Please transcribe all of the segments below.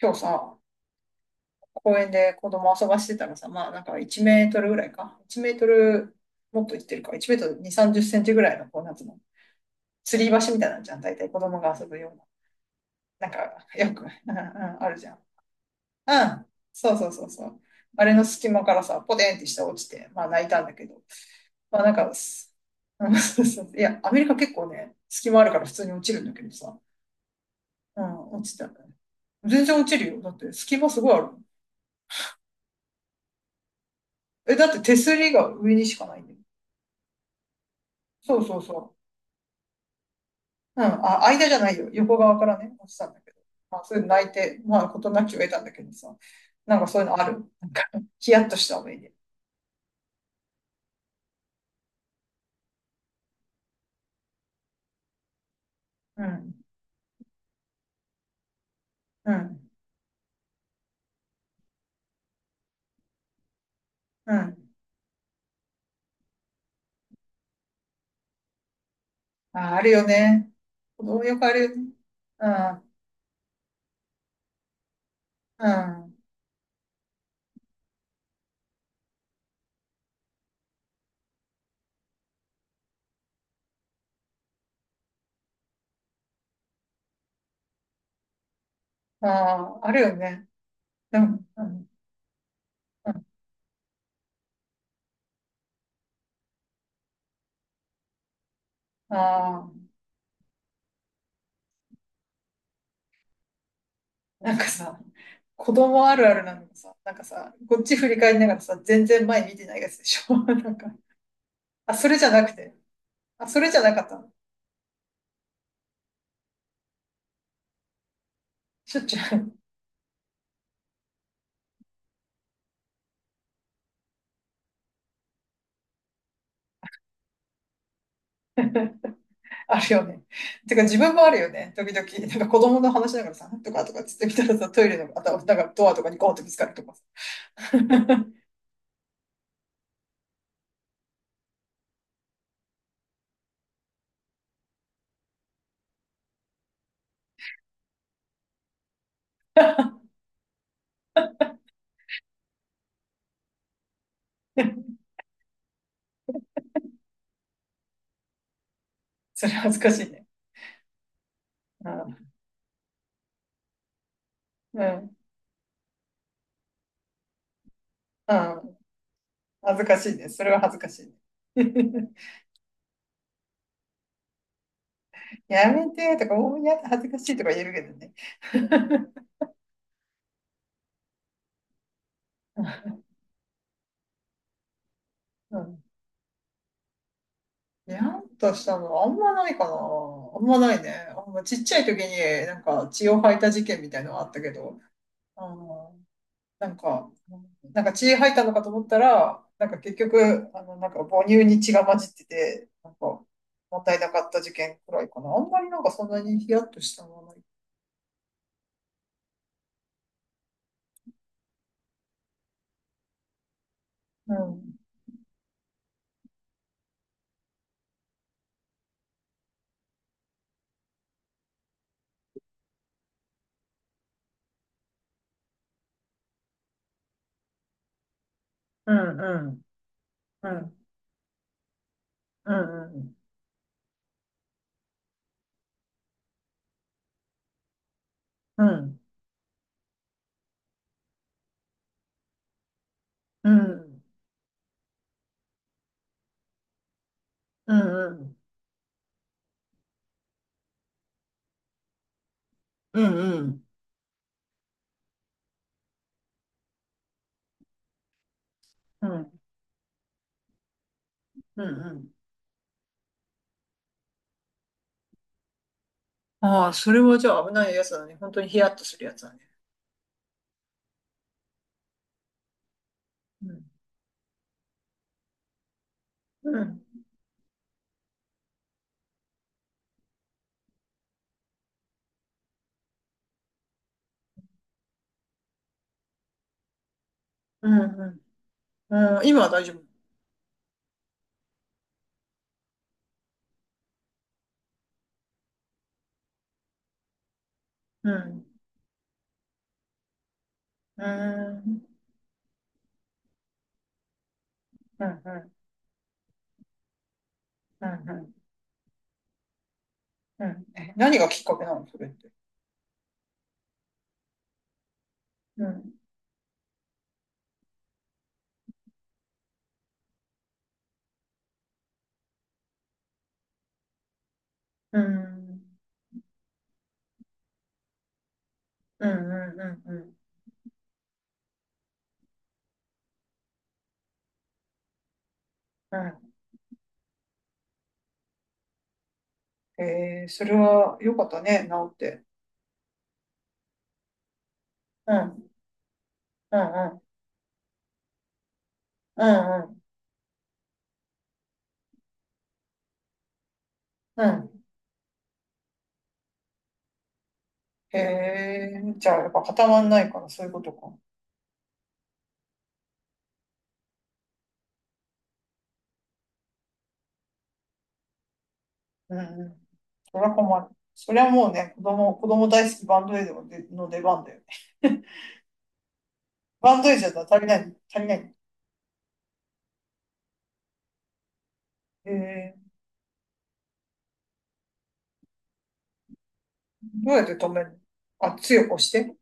今日さ、公園で子供遊ばしてたらさ、まあなんか1メートルぐらいか。1メートルもっといってるか。1メートル2、30センチぐらいの、こう、なんつうの、吊り橋みたいなんじゃん。大体子供が遊ぶような。なんか、よく、うんうんあるじゃん。うん。そうそうそうそう。あれの隙間からさ、ポテンって下落ちて、まあ泣いたんだけど。まあなんか、うん、そうそう、いや、アメリカ結構ね、隙間あるから普通に落ちるんだけどさ。うん、落ちた。全然落ちるよ。だって隙間すごいある。え、だって手すりが上にしかないんだよ。そうそうそう。うん、あ、間じゃないよ。横側からね、落ちたんだけど。まあ、それで泣いて、まあ、事なきを得たんだけどさ。なんかそういうのある。なんか、ヒヤッとした思い出。うん、うん、うん。あ、あるよね。子供よくあるよね。うん、うん。あ、あるよね。うん、うん、うん。ああ、なんかさ、子供あるあるなのがさ、なんかさ、こっち振り返りながらさ、全然前見てないやつでしょ。なんか、あ、それじゃなくて。あ、それじゃなかったの。しょっちゅう。あるよね。てか自分もあるよね。時々、なんか子供の話しながらさ、とかとかっつってみたらさ、トイレの、あと、なんかドアとかにゴーンってぶつかるとかさ。それ恥ずかしいね。うん。うん。うん。恥ずかしいね。それは恥ずかしいね。やめてとか、おーやだ、恥ずかしいとか言えるけどね。うん。にゃんとしたの、あんまないかな。あんまないね。あんまちっちゃい時になんか血を吐いた事件みたいなのはあったけど。うん、なんか、なんか血入ったのかと思ったら、なんか結局、あの、なんか母乳に血が混じってて、なんか、もったいなかった事件くらいかな。あんまりなんかそんなにヒヤッとしたのはない。うん。うん、うん、うん、うん、うん、うん、うん、うん、うん、うん、うん、うん、うん。うん、ああ、それはじゃあ危ないやつだね。本当にヒヤッとするやつだね。うん、うん、うん、うん。うん、今は大丈夫。うん、うん、うん、うん、うん、うん。うん。え、何がきっかけなのそれって。うん。うん。うんうんうんうんうん。えー、それは良かったね、治って。うん。うんうん。うんうん。うん、へ、じゃあやっぱ固まんないからそういうことか。うんうん。それは困る。それはもうね、子供、子供大好きバンドエイドの出番だよね。バンドエイドじゃ足りない、足りない。えー、どうやって止めるの？あ、強く押して。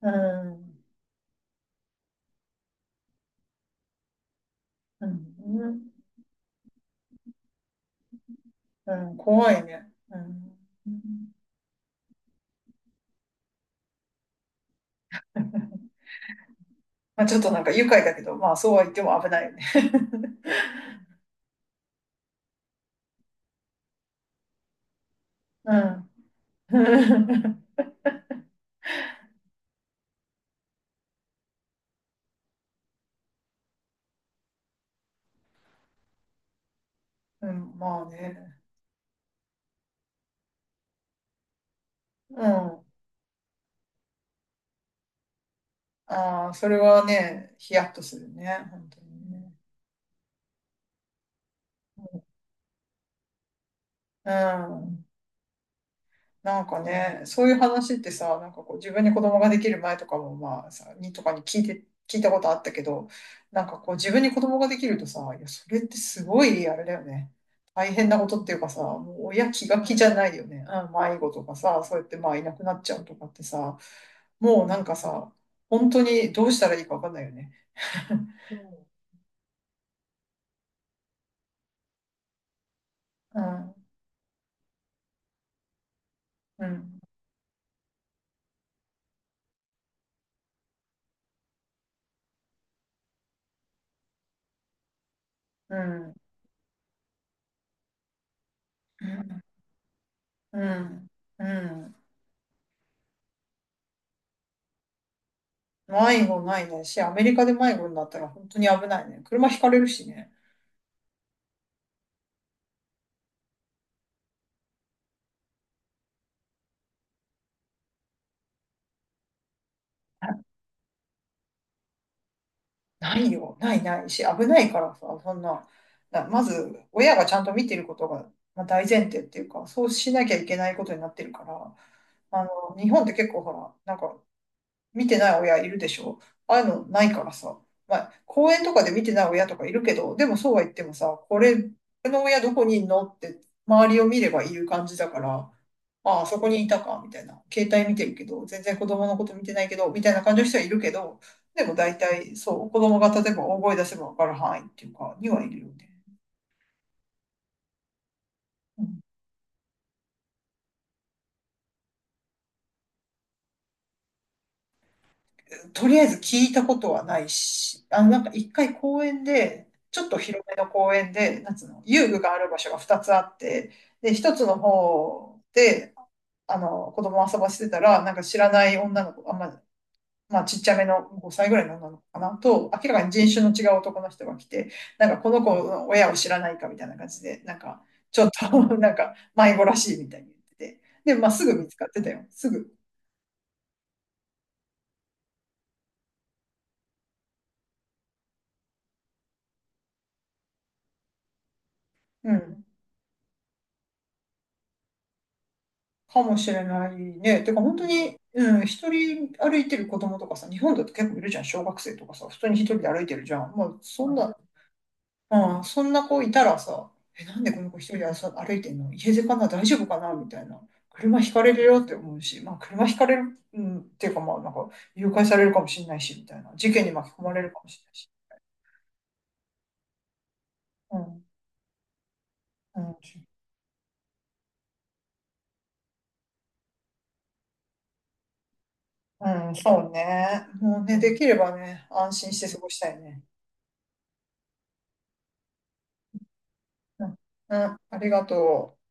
うん。うん。うん、怖いね。うん。うん、まあ、ちょっとなんか愉快だけど、まあそうは言っても危ないよね。うん。うん、まあね。うん。ああ、それはね、ヒヤッとするね。本当にね。うん。うん、なんかね、そういう話ってさ、なんかこう自分に子供ができる前とかもまあさ、にとかに聞いて、聞いたことあったけど、なんかこう自分に子供ができるとさ、いや、それってすごいあれだよね。大変なことっていうかさ、もう親気が気じゃないよね。うん、迷子とかさ、そうやってまあいなくなっちゃうとかってさ、もうなんかさ、本当にどうしたらいいかわかんないよね。うん、うん、うん、うん、うん。うん、迷子ないね。し、アメリカで迷子になったら本当に危ないね。車ひかれるしね。ないよ。ないないし、危ないからさ、そんな、まず、親がちゃんと見てることが、まあ、大前提っていうか、そうしなきゃいけないことになってるから、あの、日本って結構ほら、なんか、見てない親いるでしょ、ああいうのないからさ。まあ、公園とかで見てない親とかいるけど、でもそうは言ってもさ、これ、この親どこにいんのって周りを見ればいる感じだから、ああ、そこにいたか、みたいな。携帯見てるけど、全然子供のこと見てないけど、みたいな感じの人はいるけど、でも大体そう、子供が例えば大声出せばわかる範囲っていうか、にはいるよね。うん、とりあえず聞いたことはないし、あの、なんか一回公園で、ちょっと広めの公園で、なんつうの、遊具がある場所が2つあって、で、1つの方で、あの、子供を遊ばせてたら、なんか知らない女の子、あんま、まあちっちゃめの5歳ぐらいの女の子かなと、明らかに人種の違う男の人が来て、なんかこの子の親を知らないかみたいな感じで、なんか、ちょっと なんか迷子らしいみたいに言ってて。で、まあすぐ見つかってたよ。すぐ。うん。かもしれないね。てか本当に、うん、一人歩いてる子供とかさ、日本だと結構いるじゃん、小学生とかさ、普通に一人で歩いてるじゃん。まあ、そんな、うん、そんな子いたらさ、え、なんでこの子一人でさ歩いてんの？家出かな？大丈夫かな？みたいな。車ひかれるよって思うし、まあ、車ひかれる、うん、っていうか、まあ、なんか、誘拐されるかもしれないし、みたいな。事件に巻き込まれるかもしれないし。うん、うん、うん、そうね。もうね、できればね、安心して過ごしたいね。うん、うん、ありがとう。